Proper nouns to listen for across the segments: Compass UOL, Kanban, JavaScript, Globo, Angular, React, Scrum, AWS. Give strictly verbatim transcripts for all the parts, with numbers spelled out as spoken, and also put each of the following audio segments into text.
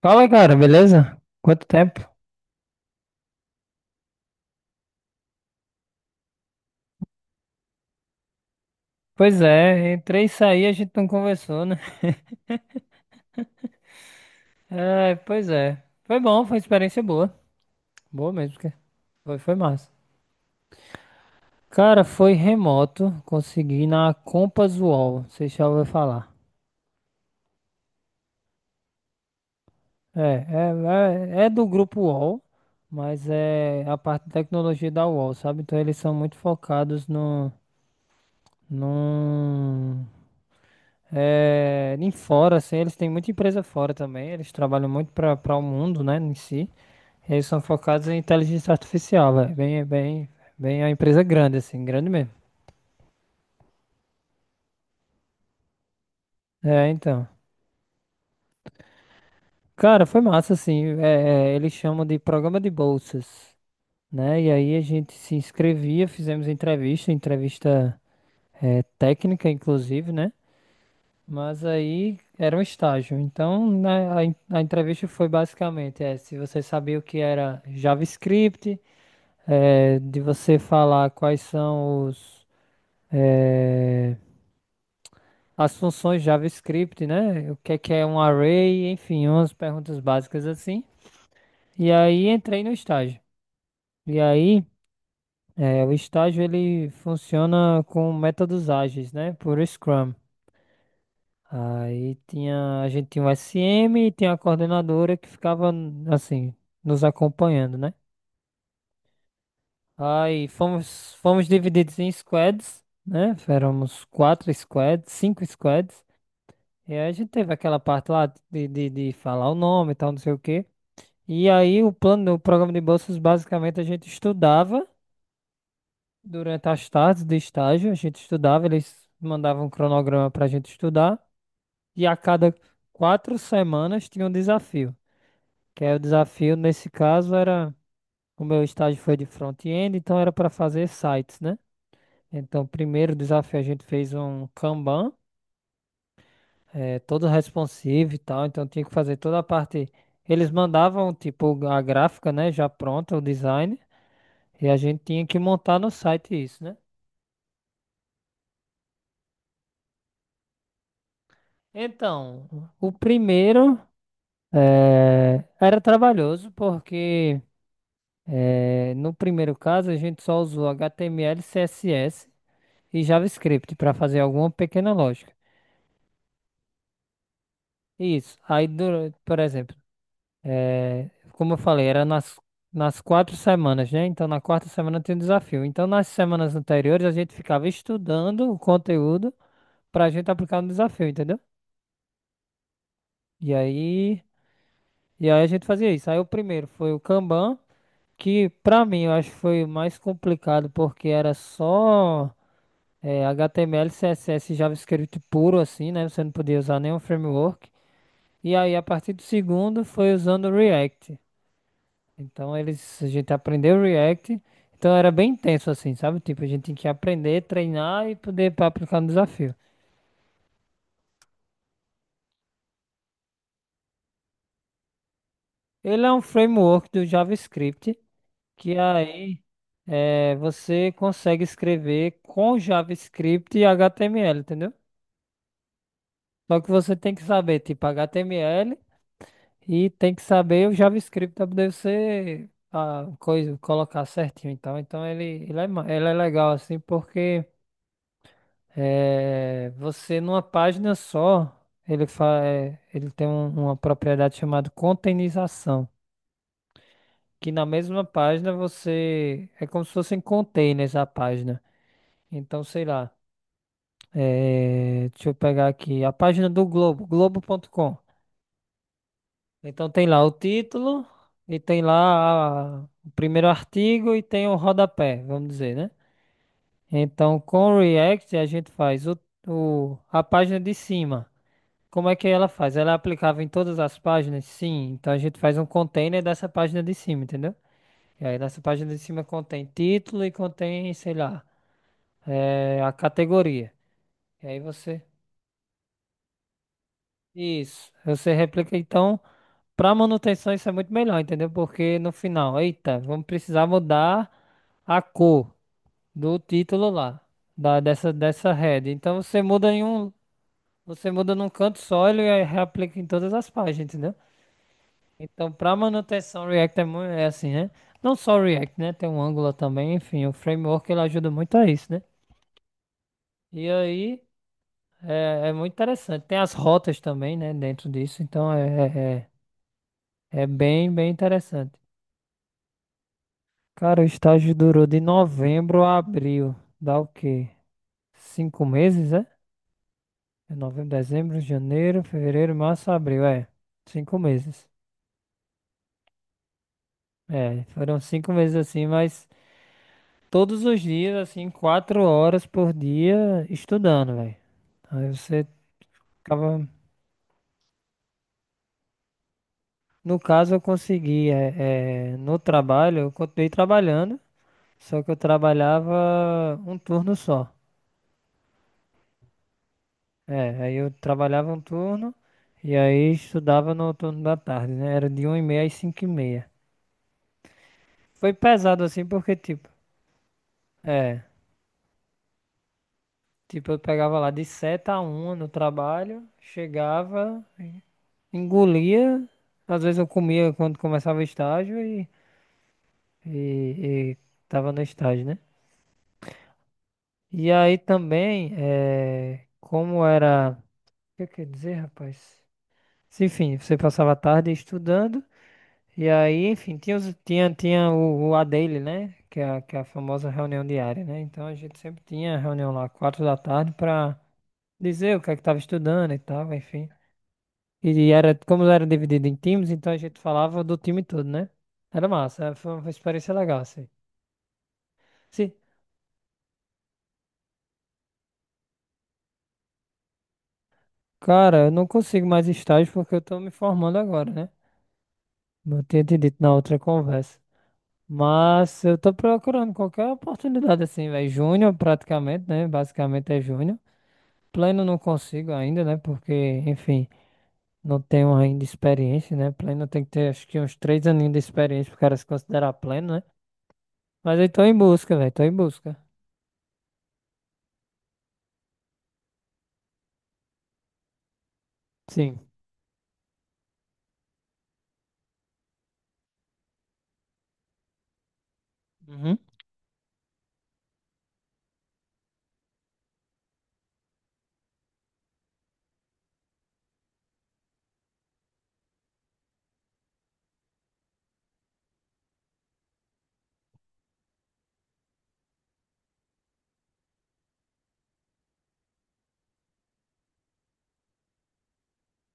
Fala, cara, beleza? Quanto tempo? Pois é, entrei e saí, a gente não conversou, né? É, pois é. Foi bom, foi experiência boa. Boa mesmo, que foi, foi massa. Cara, foi remoto, consegui na Compass UOL, você já ouviu falar. É, é, é, é do grupo UOL, mas é a parte de tecnologia da UOL, sabe? Então eles são muito focados no, num, É, em fora, assim, eles têm muita empresa fora também. Eles trabalham muito para para o mundo, né, em si. Eles são focados em inteligência artificial, velho. Bem, bem, bem a empresa grande, assim, grande mesmo. É, então. Cara, foi massa, assim. É, é, eles chamam de programa de bolsas, né? E aí a gente se inscrevia, fizemos entrevista, entrevista é, técnica, inclusive, né? Mas aí era um estágio. Então, na, a, en- a entrevista foi basicamente é, se você sabia o que era JavaScript, é, de você falar quais são os, é, as funções JavaScript, né? O que é que é um array, enfim, umas perguntas básicas assim. E aí entrei no estágio. E aí, é, o estágio ele funciona com métodos ágeis, né? Por Scrum. Aí tinha, a gente tinha um S M e tinha a coordenadora que ficava assim, nos acompanhando, né? Aí fomos, fomos divididos em squads, né? Éramos quatro squads, cinco squads. E aí a gente teve aquela parte lá de, de, de falar o nome e tal, não sei o quê. E aí o plano, o programa de bolsas, basicamente a gente estudava durante as tardes de estágio, a gente estudava, eles mandavam um cronograma pra gente estudar. E a cada quatro semanas tinha um desafio. Que aí o desafio nesse caso era, o meu estágio foi de front-end, então era para fazer sites, né? Então, primeiro desafio a gente fez um Kanban, eh, todo responsive e tal, então tinha que fazer toda a parte. Eles mandavam, tipo, a gráfica, né, já pronta, o design, e a gente tinha que montar no site isso, né? Então, o primeiro eh, era trabalhoso, porque eh, no primeiro caso a gente só usou H T M L e C S S, e JavaScript para fazer alguma pequena lógica. Isso. Aí, dura- por exemplo, eh, como eu falei, era nas, nas quatro semanas, né? Então, na quarta semana tem um desafio. Então, nas semanas anteriores, a gente ficava estudando o conteúdo para a gente aplicar no desafio, entendeu? E aí, e aí a gente fazia isso. Aí, o primeiro foi o Kanban, que para mim eu acho que foi o mais complicado, porque era só. eh, H T M L, C S S e JavaScript puro assim, né? Você não podia usar nenhum framework. E aí, a partir do segundo, foi usando o React. Então, eles, a gente aprendeu o React. Então, era bem intenso, assim, sabe? Tipo, a gente tinha que aprender, treinar e poder pra aplicar no desafio. Ele é um framework do JavaScript, que aí é, você consegue escrever com JavaScript e H T M L, entendeu? Só que você tem que saber, tipo, H T M L e tem que saber o JavaScript para poder você a coisa colocar certinho. Então, então ele, ele, é, ma- ele é legal assim porque eh, você numa página só ele fa, eh, ele tem um- uma propriedade chamada containerização, que na mesma página você é como se fossem containers a página. Então, sei lá, eh, deixa eu pegar aqui a página do Globo, globo.com. Então tem lá o título e tem lá a- o primeiro artigo e tem o rodapé, vamos dizer, né? Então com o React a gente faz o, o- a página de cima. Como é que ela faz? Ela é aplicável em todas as páginas? Sim. Então a gente faz um container dessa página de cima, entendeu? E aí nessa página de cima contém título e contém, sei lá, eh, a categoria. E aí você. Isso. Você replica então. Pra manutenção isso é muito melhor, entendeu? Porque no final, eita, vamos precisar mudar a cor do título lá, da, dessa, dessa head. Então você muda em um, você muda num canto só ele aí reaplica em todas as páginas, entendeu? Então pra manutenção React é, mu- é assim, né? Não só o React, né? Tem um Angular também, enfim, o framework ele ajuda muito a isso, né? E aí é, é muito interessante. Tem as rotas também, né? Dentro disso, então é, é, é é bem, bem interessante. Cara, o estágio durou de novembro a abril. Dá o quê? Cinco meses, é? É novembro, dezembro, janeiro, fevereiro, março, abril. É, cinco meses. É, foram cinco meses assim, mas todos os dias, assim, quatro horas por dia estudando, velho. Aí você ficava. No caso, eu consegui, é, é, no trabalho, eu continuei trabalhando, só que eu trabalhava um turno só. É, aí eu trabalhava um turno e aí estudava no turno da tarde, né? Era de uma e meia às cinco e meia. Foi pesado assim porque, tipo, é, tipo, eu pegava lá de sete a uma no trabalho, chegava, engolia, às vezes eu comia quando começava o estágio e, e, e, tava no estágio, né? E aí também, é, como era, o que eu quero dizer, rapaz? Se, Enfim, você passava a tarde estudando. E aí, enfim, tinha, os- tinha, tinha o, o A dele, né? Que é, a- que é a famosa reunião diária, né? Então a gente sempre tinha reunião lá, quatro da tarde, pra dizer o que é que tava estudando e tal, enfim. E era, como era dividido em times, então a gente falava do time todo, né? Era massa, é, foi uma experiência legal, assim. Sim, cara, eu não consigo mais estágio porque eu tô me formando agora, né? Não tinha te dito na outra conversa. Mas eu tô procurando qualquer oportunidade, assim, velho. Júnior praticamente, né? Basicamente é júnior. Pleno não consigo ainda, né? Porque, enfim, não tenho ainda experiência, né? Pleno tem que ter, acho que uns três aninhos de experiência pro cara se considerar pleno, né? Mas eu tô em busca, velho. Tô em busca. Sim. Uhum.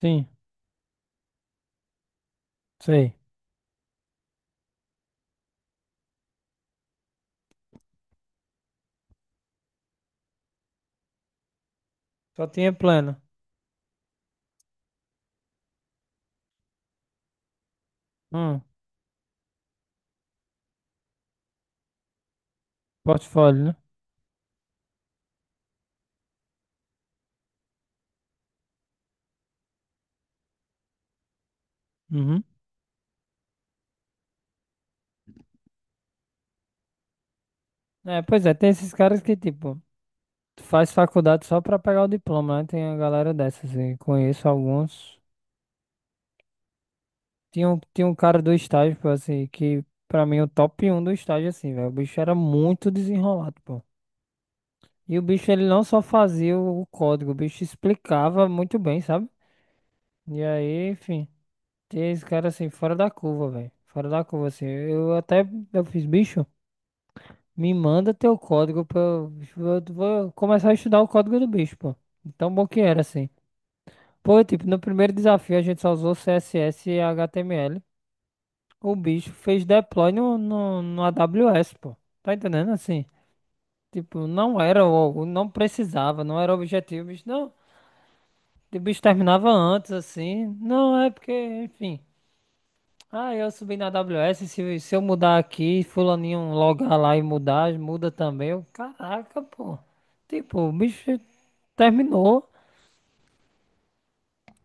Sim. Sei. Só tinha pleno. Hum. Portfólio, né? Uhum. É, pois é. Tem esses caras que, tipo, faz faculdade só pra pegar o diploma, né? Tem a galera dessas. E conheço alguns. Tinha um, tinha um cara do estágio, pô, assim, que pra mim é o top um do estágio, assim, velho. O bicho era muito desenrolado, pô. E o bicho, ele não só fazia o código, o bicho explicava muito bem, sabe? E aí, enfim, tem esse cara assim, fora da curva, velho. Fora da curva, assim. Eu até, eu fiz, bicho, me manda teu código pra eu, eu vou começar a estudar o código do bicho, pô. Tão bom que era, assim. Pô, tipo, no primeiro desafio a gente só usou C S S e H T M L. O bicho fez deploy no, no, no A W S, pô. Tá entendendo? Assim, tipo, não era, o- não precisava, não era o objetivo, bicho, não. O bicho terminava antes, assim. Não, é porque, enfim. Ah, eu subi na A W S, se, se, eu mudar aqui, fulaninho logar lá e mudar, muda também. Eu, caraca, pô. Tipo, o bicho terminou.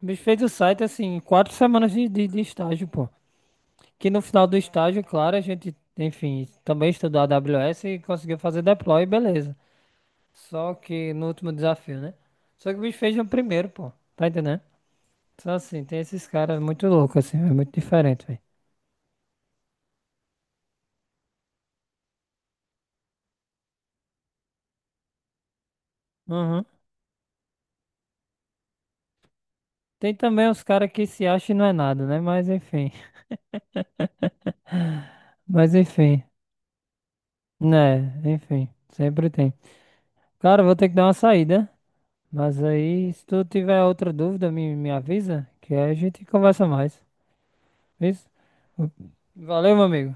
O bicho fez o site, assim, em quatro semanas de, de, de estágio, pô. Que no final do estágio, claro, a gente, enfim, também estudou a AWS e conseguiu fazer deploy, beleza. Só que no último desafio, né? Só que o bicho fez no primeiro, pô. Tá entendendo? Só assim, tem esses caras muito loucos, assim, é muito diferente, velho. Uhum. Tem também os caras que se acham e não é nada, né? Mas enfim. Mas enfim. Né, enfim. Sempre tem. Cara, eu vou ter que dar uma saída. Mas aí, se tu tiver outra dúvida, me, me avisa, que aí a gente conversa mais. Isso? Valeu, meu amigo.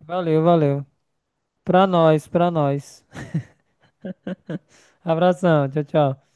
Valeu, valeu. Pra nós, pra nós. Abração, tchau, tchau.